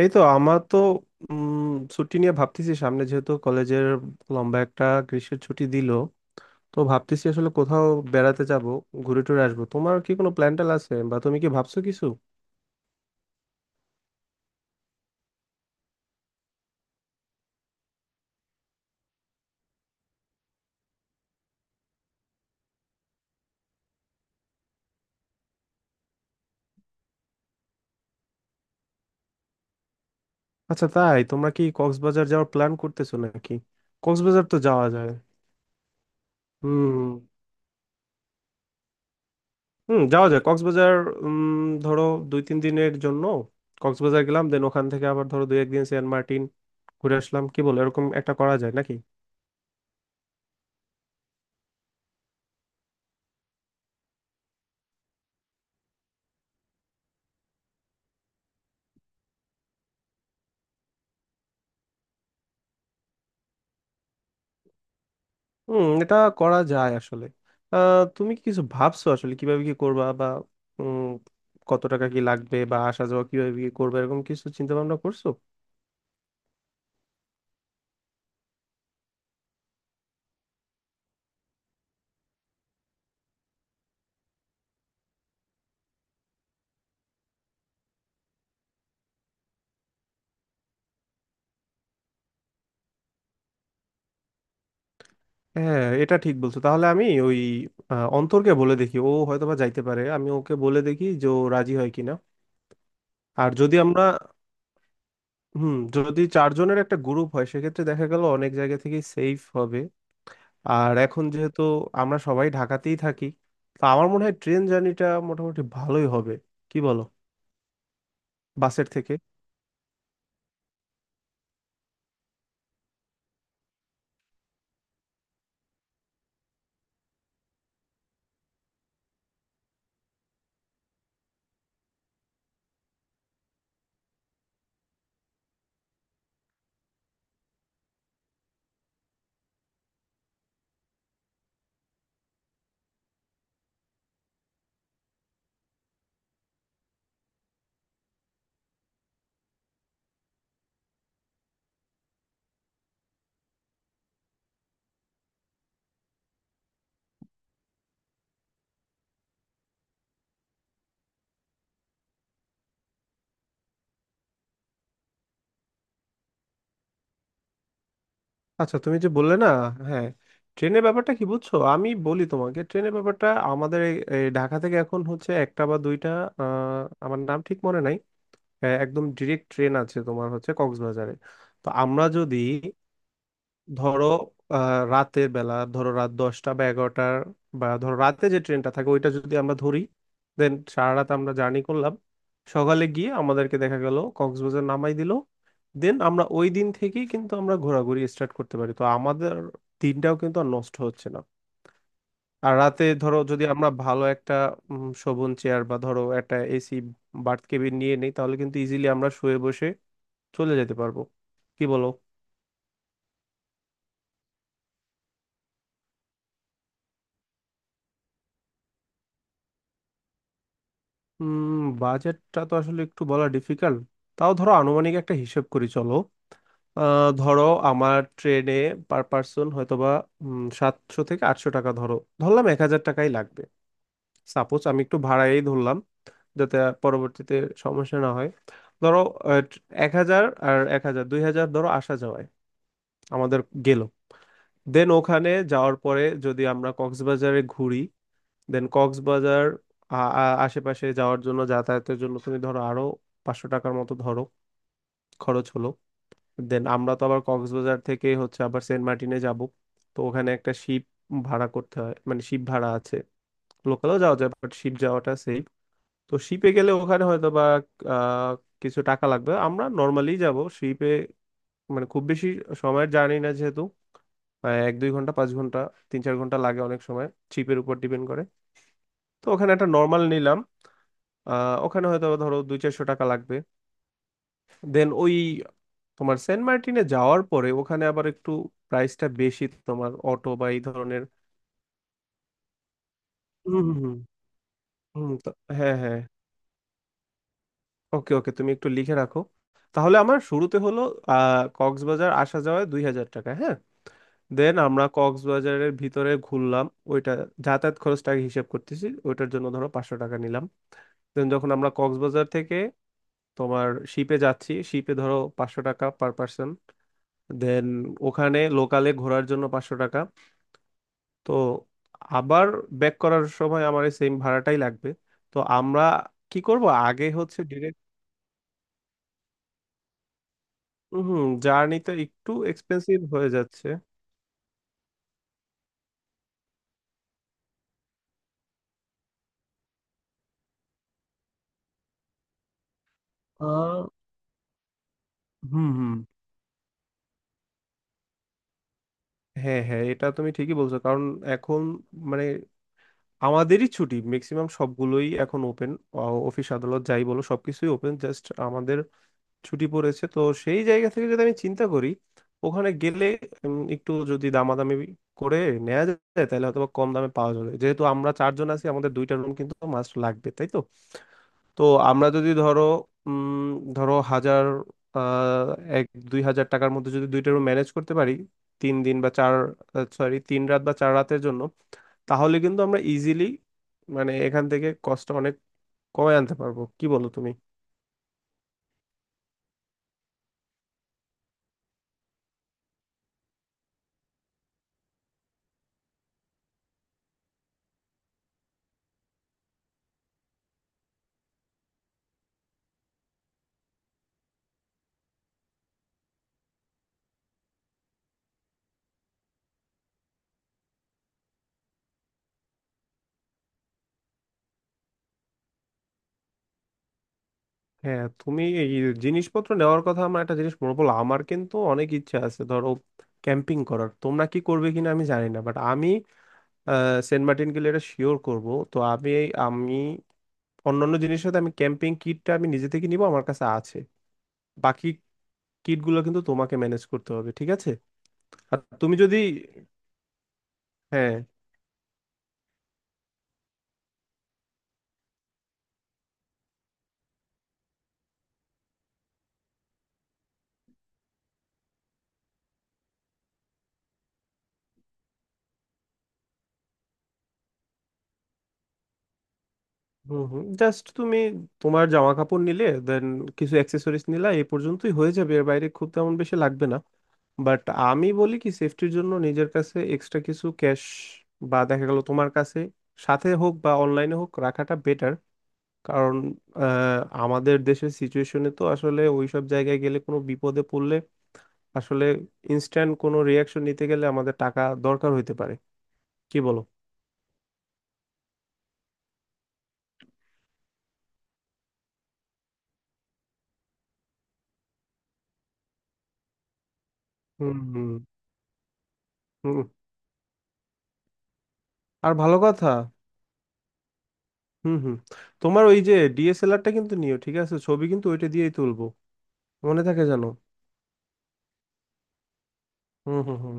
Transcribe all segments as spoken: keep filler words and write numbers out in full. এই তো আমার তো উম, ছুটি নিয়ে ভাবতেছি, সামনে যেহেতু কলেজের লম্বা একটা গ্রীষ্মের ছুটি দিল। তো ভাবতেছি আসলে কোথাও বেড়াতে যাব, ঘুরে টুরে আসবো। তোমার কি কোনো প্ল্যান ট্যান আছে, বা তুমি কি ভাবছো কিছু? আচ্ছা, তাই? তোমরা কি কক্সবাজার যাওয়ার প্ল্যান করতেছো নাকি? কক্সবাজার তো যাওয়া যায়। হুম। হুম, যাওয়া যায় কক্সবাজার। উম, ধরো দুই তিন দিনের জন্য কক্সবাজার গেলাম, দেন ওখান থেকে আবার ধরো দুই একদিন সেন্ট মার্টিন ঘুরে আসলাম। কি বলো, এরকম একটা করা যায় নাকি? হুম, এটা করা যায় আসলে। আহ, তুমি কি কিছু ভাবছো আসলে, কিভাবে কি করবা, বা উম, কত টাকা কি লাগবে, বা আসা যাওয়া কিভাবে কি করবে, এরকম কিছু চিন্তা ভাবনা করছো? হ্যাঁ, এটা ঠিক বলছো। তাহলে আমি ওই আহ, অন্তরকে বলে দেখি, ও হয়তোবা যাইতে পারে। আমি ওকে বলে দেখি যে ও রাজি হয় কিনা। আর যদি আমরা, হুম, যদি চারজনের একটা গ্রুপ হয় সেক্ষেত্রে দেখা গেল অনেক জায়গা থেকেই সেফ হবে। আর এখন যেহেতু আমরা সবাই ঢাকাতেই থাকি, তো আমার মনে হয় ট্রেন জার্নিটা মোটামুটি ভালোই হবে, কি বলো? বাসের থেকে। আচ্ছা, তুমি যে বললে না। হ্যাঁ, ট্রেনের ব্যাপারটা কি বুঝছো, আমি বলি তোমাকে ট্রেনের ব্যাপারটা। আমাদের এই- এই ঢাকা থেকে এখন হচ্ছে একটা বা দুইটা, আহ, আমার নাম ঠিক মনে নাই, আহ, একদম ডিরেক্ট ট্রেন আছে তোমার হচ্ছে কক্সবাজারে। তো আমরা যদি ধরো আহ, রাতের বেলা, ধরো রাত দশটা বা এগারোটার, বা ধরো রাতে যে ট্রেনটা থাকে ওইটা যদি আমরা ধরি, দেন সারা রাত আমরা জার্নি করলাম, সকালে গিয়ে আমাদেরকে দেখা গেল কক্সবাজার নামাই দিল। দেন আমরা ওই দিন থেকেই কিন্তু আমরা ঘোরাঘুরি স্টার্ট করতে পারি, তো আমাদের দিনটাও কিন্তু আর নষ্ট হচ্ছে না। আর রাতে ধরো যদি আমরা ভালো একটা উম, শোভন চেয়ার বা ধরো একটা এসি বার্থ কেবিন নিয়ে নিই, তাহলে কিন্তু ইজিলি আমরা শুয়ে বসে চলে যেতে পারবো, কি বলো? উম বাজেটটা তো আসলে একটু বলা ডিফিকাল্ট। তাও ধরো আনুমানিক একটা হিসেব করি, চলো। আহ, ধরো আমার ট্রেনে পার পার্সন হয়তোবা, বা সাতশো থেকে আটশো টাকা, ধরো ধরলাম এক হাজার টাকাই লাগবে। সাপোজ আমি একটু ভাড়াই ধরলাম, যাতে পরবর্তীতে সমস্যা না হয়। ধরো, আহ, এক হাজার আর এক হাজার দুই হাজার ধরো আসা যাওয়ায় আমাদের গেল। দেন ওখানে যাওয়ার পরে যদি আমরা কক্সবাজারে ঘুরি, দেন কক্সবাজার আ- আ- আশেপাশে যাওয়ার জন্য, যাতায়াতের জন্য, তুমি ধরো আরো পাঁচশো টাকার মতো ধরো খরচ হলো। দেন আমরা তো আবার কক্সবাজার থেকে হচ্ছে আবার সেন্ট মার্টিনে যাব, তো ওখানে একটা শিপ ভাড়া করতে হয়, মানে শিপ ভাড়া আছে। লোকালও যাওয়া যায়, বাট শিপ যাওয়াটা সেফ। তো শিপে গেলে ওখানে হয়তো বা আহ, কিছু টাকা লাগবে। আমরা নর্মালি যাব শিপে, মানে খুব বেশি সময়ের জানি না, যেহেতু আহ, এক দুই ঘন্টা, পাঁচ ঘন্টা, তিন চার ঘন্টা লাগে অনেক সময়, শিপের উপর ডিপেন্ড করে। তো ওখানে একটা নর্মাল নিলাম, আহ ওখানে হয়তো আবার ধরো দুই চারশো টাকা লাগবে। দেন ওই, তোমার সেন্ট মার্টিনে যাওয়ার পরে ওখানে আবার একটু প্রাইসটা বেশি, তোমার অটো বা এই ধরনের। হুম হুম হুম। হুম তো- হ্যাঁ, হ্যাঁ, ওকে, ওকে, তুমি একটু লিখে রাখো। তাহলে আমার শুরুতে হলো আহ কক্সবাজার আসা যাওয়ায় দুই হাজার টাকা, হ্যাঁ। দেন আমরা কক্সবাজারের ভিতরে ঘুরলাম, ওইটা যাতায়াত খরচটাকে হিসেব করতেছি, ওইটার জন্য ধরো পাঁচশো টাকা নিলাম। দেন যখন আমরা কক্সবাজার থেকে তোমার শিপে যাচ্ছি, শিপে ধরো পাঁচশো টাকা পার পার্সন। দেন ওখানে লোকালে ঘোরার জন্য পাঁচশো টাকা। তো আবার ব্যাক করার সময় আমার এই সেম ভাড়াটাই লাগবে। তো আমরা কি করব, আগে হচ্ছে ডিরেক্ট। হুম, জার্নিটা একটু এক্সপেন্সিভ হয়ে যাচ্ছে। আহ, হুম হুম। হ্যাঁ, হ্যাঁ, এটা তুমি ঠিকই বলছো, কারণ এখন মানে আমাদেরই ছুটি, ম্যাক্সিমাম সবগুলোই এখন ওপেন। অফিস আদালত যাই বলো, সবকিছুই ওপেন, জাস্ট আমাদের ছুটি পড়েছে। তো সেই জায়গা থেকে যদি আমি চিন্তা করি, ওখানে গেলে উম, একটু যদি দামাদামি করে নেওয়া যায় তাহলে হয়তো বা কম দামে পাওয়া যাবে, যেহেতু আমরা চারজন আছি, আমাদের দুইটা রুম কিন্তু মাস্ট লাগবে, তাই তো। তো আমরা যদি ধরো উম ধরো হাজার আহ এক দুই হাজার টাকার মধ্যে যদি দুইটা রুম ম্যানেজ করতে পারি তিন দিন বা চার, সরি, তিন রাত বা চার রাতের জন্য, তাহলে কিন্তু আমরা ইজিলি, মানে এখান থেকে কষ্ট অনেক কমে আনতে পারবো, কি বলো তুমি? হ্যাঁ, তুমি এই জিনিসপত্র নেওয়ার কথা, আমার একটা জিনিস মনে পড়লো। আমার কিন্তু অনেক ইচ্ছা আছে, ধরো ক্যাম্পিং করার। তোমরা কি করবে কিনা আমি জানি না, বাট আমি আহ, সেন্ট মার্টিন গেলে এটা শিওর করব। তো আমি, আমি অন্যান্য জিনিসের সাথে আমি ক্যাম্পিং কিটটা আমি নিজে থেকে নিব, আমার কাছে আছে। বাকি কিটগুলো কিন্তু তোমাকে ম্যানেজ করতে হবে, ঠিক আছে? আর তুমি যদি, হ্যাঁ। হুম হুম, জাস্ট তুমি তোমার জামা কাপড় নিলে, দেন কিছু অ্যাক্সেসরিজ নিলে, এই পর্যন্তই হয়ে যাবে, এর বাইরে খুব তেমন বেশি লাগবে না। বাট আমি বলি কি, সেফটির জন্য নিজের কাছে এক্সট্রা কিছু ক্যাশ, বা দেখা গেল তোমার কাছে সাথে হোক বা অনলাইনে হোক রাখাটা বেটার, কারণ আহ, আমাদের দেশের সিচুয়েশনে তো আসলে ওই সব জায়গায় গেলে কোনো বিপদে পড়লে আসলে ইনস্ট্যান্ট কোনো রিয়াকশন নিতে গেলে আমাদের টাকা দরকার হইতে পারে, কি বলো? হুম হুম হুম। আর ভালো কথা। হুম হুম, তোমার ওই যে ডি এস এল আরটা কিন্তু নিও, ঠিক আছে? ছবি কিন্তু ওইটা দিয়েই তুলবো, মনে থাকে, জানো? হুম হুম হুম।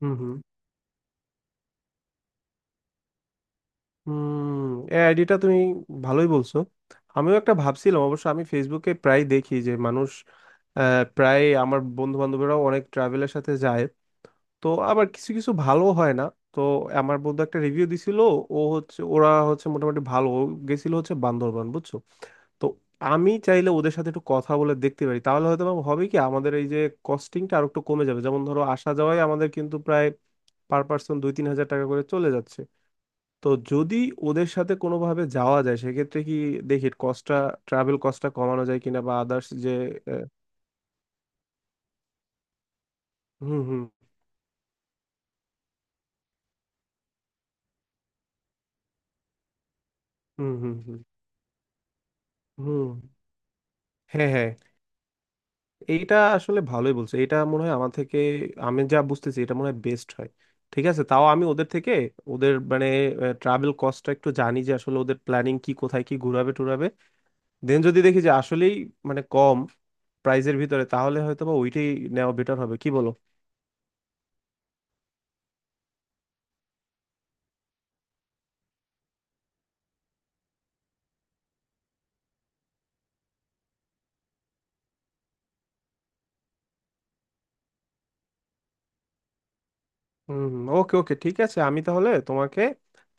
হুম হুম হুম, এই আইডিটা তুমি ভালোই বলছো, আমিও একটা ভাবছিলাম। অবশ্য আমি ফেসবুকে প্রায় দেখি যে মানুষ, আহ, প্রায় আমার বন্ধু বান্ধবরাও অনেক ট্রাভেলের সাথে যায়। তো আবার কিছু কিছু ভালো হয় না। তো আমার বন্ধু একটা রিভিউ দিছিল, ও হচ্ছে, ওরা হচ্ছে মোটামুটি ভালো। ও গেছিল হচ্ছে বান্দরবান, বুঝছো? তো আমি চাইলে ওদের সাথে একটু কথা বলে দেখতে পারি, তাহলে হয়তো বা হবে কি, আমাদের এই যে কস্টিংটা আর একটু কমে যাবে। যেমন ধরো আসা যাওয়ায় আমাদের কিন্তু প্রায় পার পার্সন দুই তিন হাজার টাকা করে চলে যাচ্ছে। তো যদি ওদের সাথে কোনোভাবে যাওয়া যায়, সেক্ষেত্রে কি দেখি কস্টটা, ট্রাভেল কস্টটা কমানো যায় কিনা, বা আদার্স যে আহ, হুম হুম হুম হুম হুম হুম। হ্যাঁ, হ্যাঁ, এইটা আসলে ভালোই বলছো, এটা মনে হয় আমার থেকে, আমি যা বুঝতেছি, এটা মনে হয় বেস্ট হয়। ঠিক আছে, তাও আমি ওদের থেকে, ওদের মানে ট্রাভেল কস্টটা একটু জানি, যে আসলে ওদের প্ল্যানিং কি, কোথায় কি ঘুরাবে টুরাবে, দেন যদি দেখি যে আসলেই মানে কম প্রাইজের ভিতরে, তাহলে হয়তো বা ওইটাই নেওয়া বেটার হবে, কি বলো? হুম, ওকে, ওকে, ঠিক আছে, আমি তাহলে তোমাকে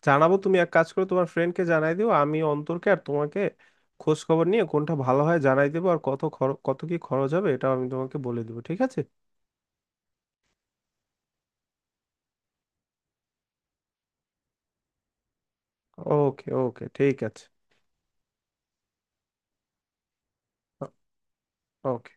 জানাবো। তুমি এক কাজ করে তোমার ফ্রেন্ডকে জানাই দিও, আমি অন্তরকে আর তোমাকে খোঁজ খবর নিয়ে কোনটা ভালো হয় জানাই দেবো। আর কত খর- কত কি খরচ হবে এটাও আমি তোমাকে বলে দেবো, ঠিক আছে? ওকে, ওকে, ঠিক আছে। ওকে.